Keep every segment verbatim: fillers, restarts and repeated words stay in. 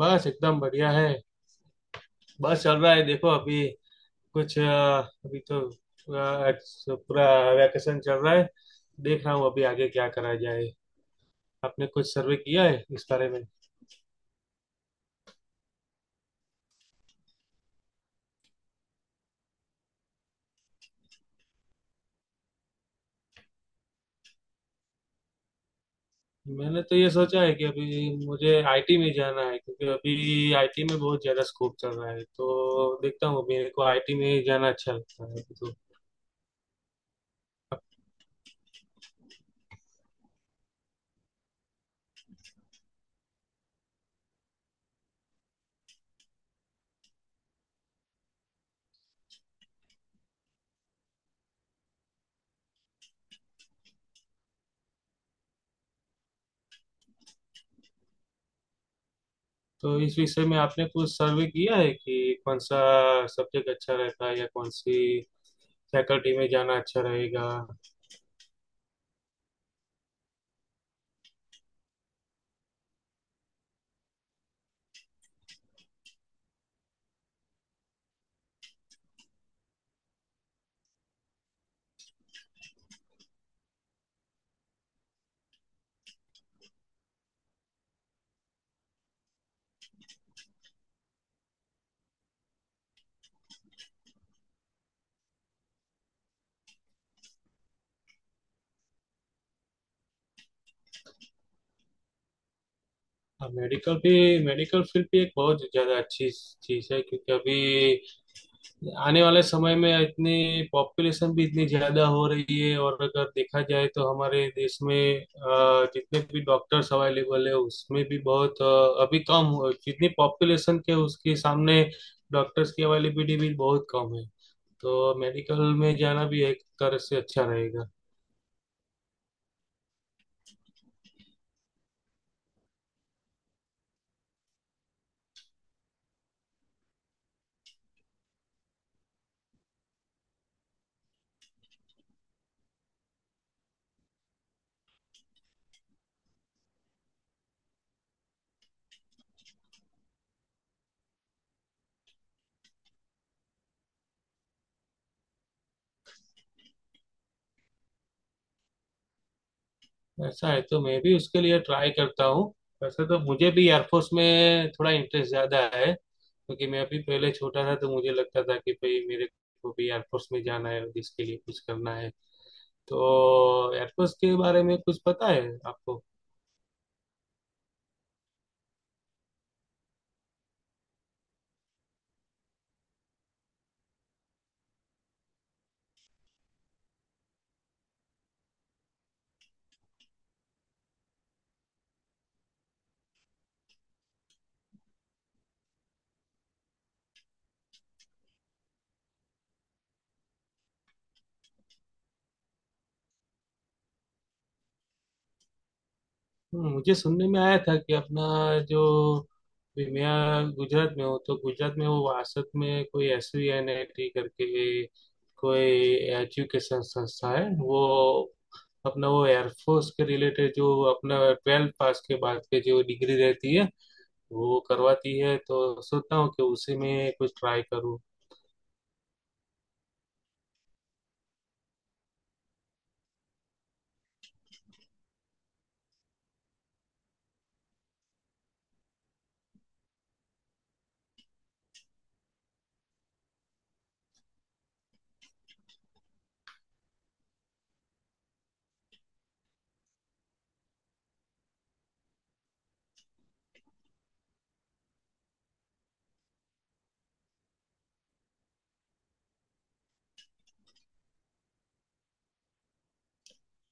बस एकदम बढ़िया है। बस चल रहा है, देखो अभी कुछ अ, अभी तो पूरा पूरा वैकेशन चल रहा है। देख रहा हूँ अभी आगे क्या करा जाए। आपने कुछ सर्वे किया है इस बारे में? मैंने तो ये सोचा है कि अभी मुझे आईटी में जाना है, क्योंकि अभी आईटी में बहुत ज्यादा स्कोप चल रहा है। तो देखता हूँ, अभी मेरे को आईटी में जाना अच्छा लगता है अभी तो। तो इस विषय में आपने कुछ सर्वे किया है कि कौन सा सब्जेक्ट अच्छा रहता है या कौन सी फैकल्टी में जाना अच्छा रहेगा? हाँ, मेडिकल भी, मेडिकल फील्ड भी एक बहुत ज़्यादा अच्छी चीज़ है, क्योंकि अभी आने वाले समय में इतनी पॉपुलेशन भी इतनी ज़्यादा हो रही है, और अगर देखा जाए तो हमारे देश में अ, जितने भी डॉक्टर्स अवेलेबल है उसमें भी बहुत अ, अभी कम हो, जितनी पॉपुलेशन के उसके सामने डॉक्टर्स की अवेलेबिलिटी भी बहुत कम है। तो मेडिकल में जाना भी एक तरह से अच्छा रहेगा। ऐसा है तो मैं भी उसके लिए ट्राई करता हूँ। वैसे तो मुझे भी एयरफोर्स में थोड़ा इंटरेस्ट ज्यादा है, क्योंकि मैं अभी पहले छोटा था तो मुझे लगता था कि भाई मेरे को भी एयरफोर्स में जाना है और इसके लिए कुछ करना है। तो एयरफोर्स के बारे में कुछ पता है आपको? हम्म, मुझे सुनने में आया था कि अपना जो विमया गुजरात में हो, तो गुजरात में वो वासत में कोई S V N I T करके कोई एजुकेशन संस्था है, वो अपना वो एयरफोर्स के रिलेटेड जो अपना ट्वेल्थ पास के बाद के जो डिग्री रहती है वो करवाती है। तो सोचता हूँ कि उसी में कुछ ट्राई करूँ।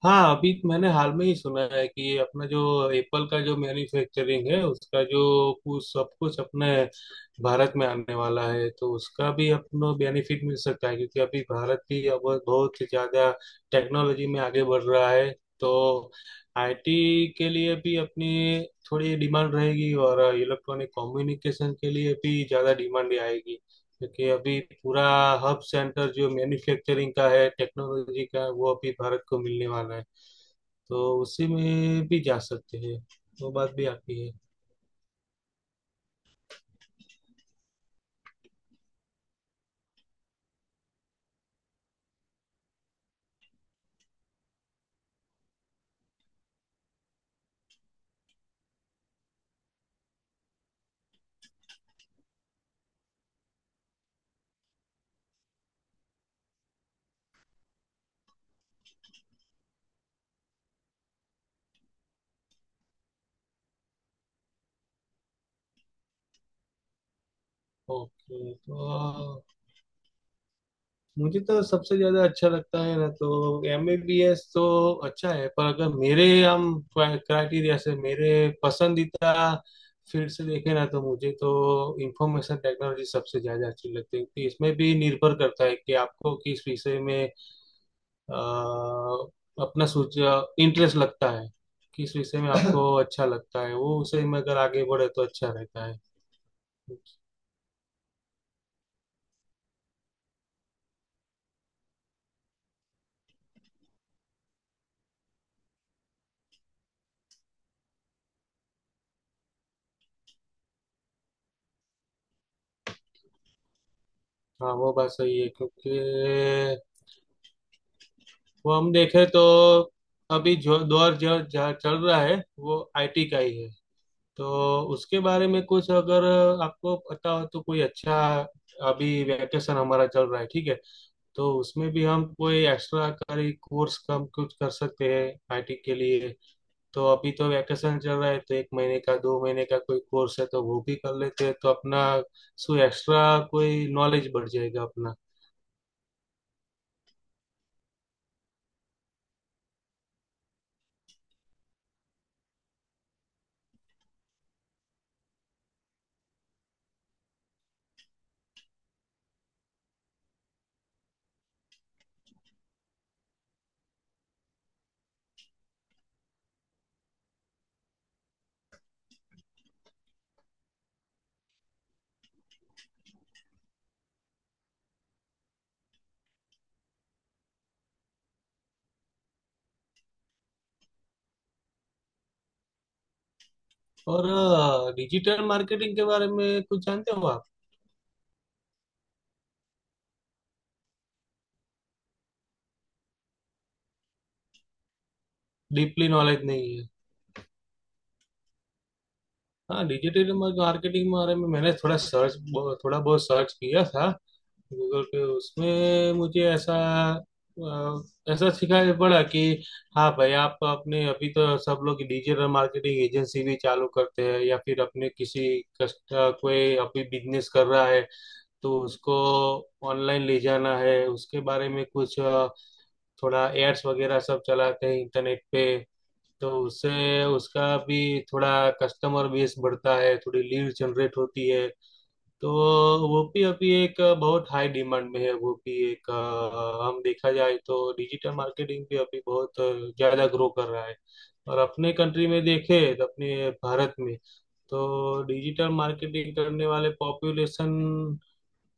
हाँ, अभी मैंने हाल में ही सुना है कि ये अपना जो एप्पल का जो मैन्युफैक्चरिंग है उसका जो कुछ सब कुछ अपने भारत में आने वाला है, तो उसका भी अपनो बेनिफिट मिल सकता है, क्योंकि अभी भारत भी अब बहुत ही ज्यादा टेक्नोलॉजी में आगे बढ़ रहा है। तो आईटी के लिए भी अपनी थोड़ी डिमांड रहेगी और इलेक्ट्रॉनिक कम्युनिकेशन के लिए भी ज्यादा डिमांड आएगी, क्योंकि अभी पूरा हब सेंटर जो मैन्युफैक्चरिंग का है, टेक्नोलॉजी का, वो अभी भारत को मिलने वाला है। तो उसी में भी जा सकते हैं, वो बात भी आपकी है। ओके, तो मुझे तो सबसे ज्यादा अच्छा लगता है ना, तो एमबीबीएस तो अच्छा है, पर अगर मेरे हम क्राइटेरिया से, मेरे पसंदीदा फील्ड से देखें ना, तो मुझे तो इंफॉर्मेशन टेक्नोलॉजी सबसे ज्यादा अच्छी लगती है, क्योंकि इसमें भी निर्भर करता है कि आपको किस विषय में अ, अपना सोच इंटरेस्ट लगता है, किस विषय में आपको अच्छा लगता है। वो उसे में अगर आगे बढ़े तो अच्छा रहता है। हाँ, वो बात सही है, क्योंकि वो हम देखें तो अभी जो दौर जो जहाँ चल रहा है वो आईटी का ही है। तो उसके बारे में कुछ अगर आपको पता हो तो कोई अच्छा, अभी वैकेशन हमारा चल रहा है, ठीक है, तो उसमें भी हम कोई एक्स्ट्रा करी कोर्स कम कुछ कर सकते हैं आईटी के लिए। तो अभी तो वैकेशन चल रहा है, तो एक महीने का दो महीने का कोई कोर्स है तो वो भी कर लेते हैं, तो अपना सो एक्स्ट्रा कोई नॉलेज बढ़ जाएगा अपना। और डिजिटल मार्केटिंग के बारे में कुछ जानते हो आप? डीपली नॉलेज नहीं है? हाँ, डिजिटल मार्केटिंग के बारे में मैंने थोड़ा सर्च थोड़ा बहुत सर्च किया था गूगल पे। उसमें मुझे ऐसा अ, ऐसा सिखाया पड़ा कि हाँ भाई, आप अपने अभी तो सब लोग डिजिटल मार्केटिंग एजेंसी भी चालू करते हैं, या फिर अपने किसी कस्ट, कोई अभी बिजनेस कर रहा है तो उसको ऑनलाइन ले जाना है उसके बारे में कुछ थोड़ा एड्स वगैरह सब चलाते हैं इंटरनेट पे। तो उससे उसका भी थोड़ा कस्टमर बेस बढ़ता है, थोड़ी लीड जनरेट होती है। तो वो भी अभी एक बहुत हाई डिमांड में है। वो भी एक अ, हम देखा जाए तो डिजिटल मार्केटिंग भी अभी बहुत ज़्यादा ग्रो कर रहा है। और अपने कंट्री में देखें, तो अपने भारत में तो डिजिटल मार्केटिंग करने वाले पॉपुलेशन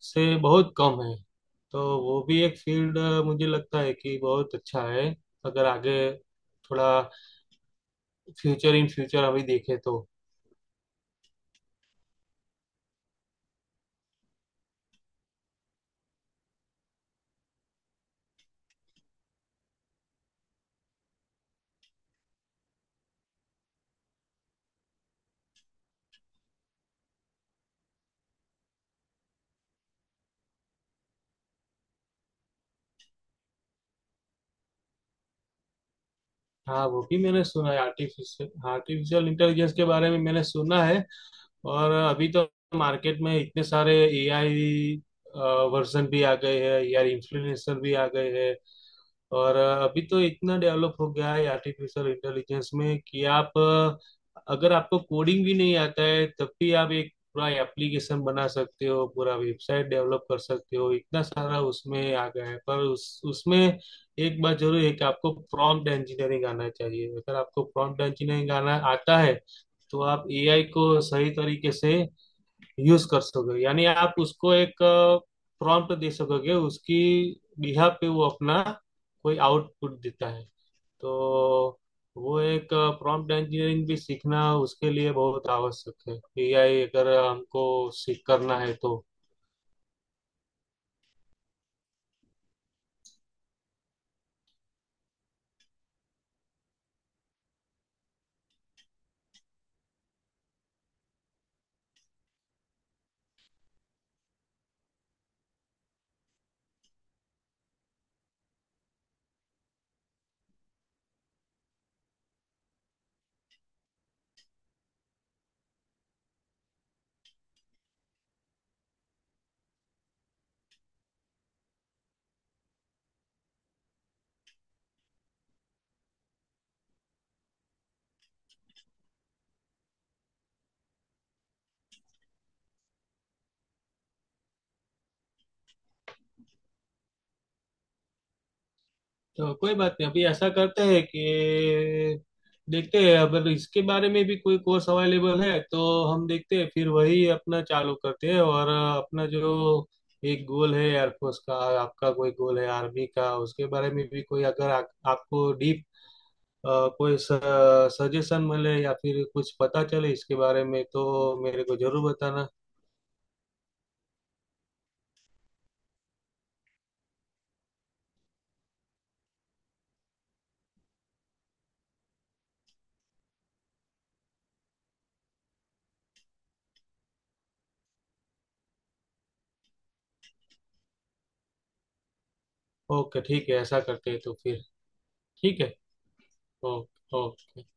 से बहुत कम है। तो वो भी एक फील्ड मुझे लगता है कि बहुत अच्छा है, अगर आगे थोड़ा फ्यूचर, इन फ्यूचर अभी देखे तो। हाँ, वो भी मैंने सुना है, आर्टिफिशियल आर्टिफिशियल इंटेलिजेंस के बारे में मैंने सुना है। और अभी तो मार्केट में इतने सारे ए आई वर्जन भी आ गए हैं यार, इन्फ्लुएंसर भी आ गए हैं। और अ, अभी तो इतना डेवलप हो गया है आर्टिफिशियल इंटेलिजेंस में, कि आप अ, अगर आपको कोडिंग भी नहीं आता है तब भी आप एक पूरा एप्लीकेशन बना सकते हो, पूरा वेबसाइट डेवलप कर सकते हो, इतना सारा उसमें आ गया है। पर उस उसमें एक बात जरूर है कि आपको प्रॉम्प्ट इंजीनियरिंग आना चाहिए। अगर आपको प्रॉम्प्ट इंजीनियरिंग आना आता है, तो आप ए आई को सही तरीके से यूज कर सकोगे, यानी आप उसको एक प्रॉम्प्ट दे सकोगे, उसकी बिहाफ पे वो अपना कोई आउटपुट देता है। तो वो एक प्रॉम्प्ट इंजीनियरिंग भी सीखना उसके लिए बहुत आवश्यक है, ए आई अगर हमको सीख करना है तो। तो कोई बात नहीं, अभी ऐसा करते हैं कि देखते हैं अगर इसके बारे में भी कोई कोर्स अवेलेबल है तो हम देखते हैं, फिर वही अपना चालू करते हैं। और अपना जो एक गोल है एयरफोर्स का, आपका कोई गोल है आर्मी का, उसके बारे में भी कोई अगर आ, आपको डीप कोई सजेशन मिले या फिर कुछ पता चले इसके बारे में, तो मेरे को जरूर बताना। ओके, ठीक है, ऐसा करते हैं तो फिर। ठीक है। Okay, okay.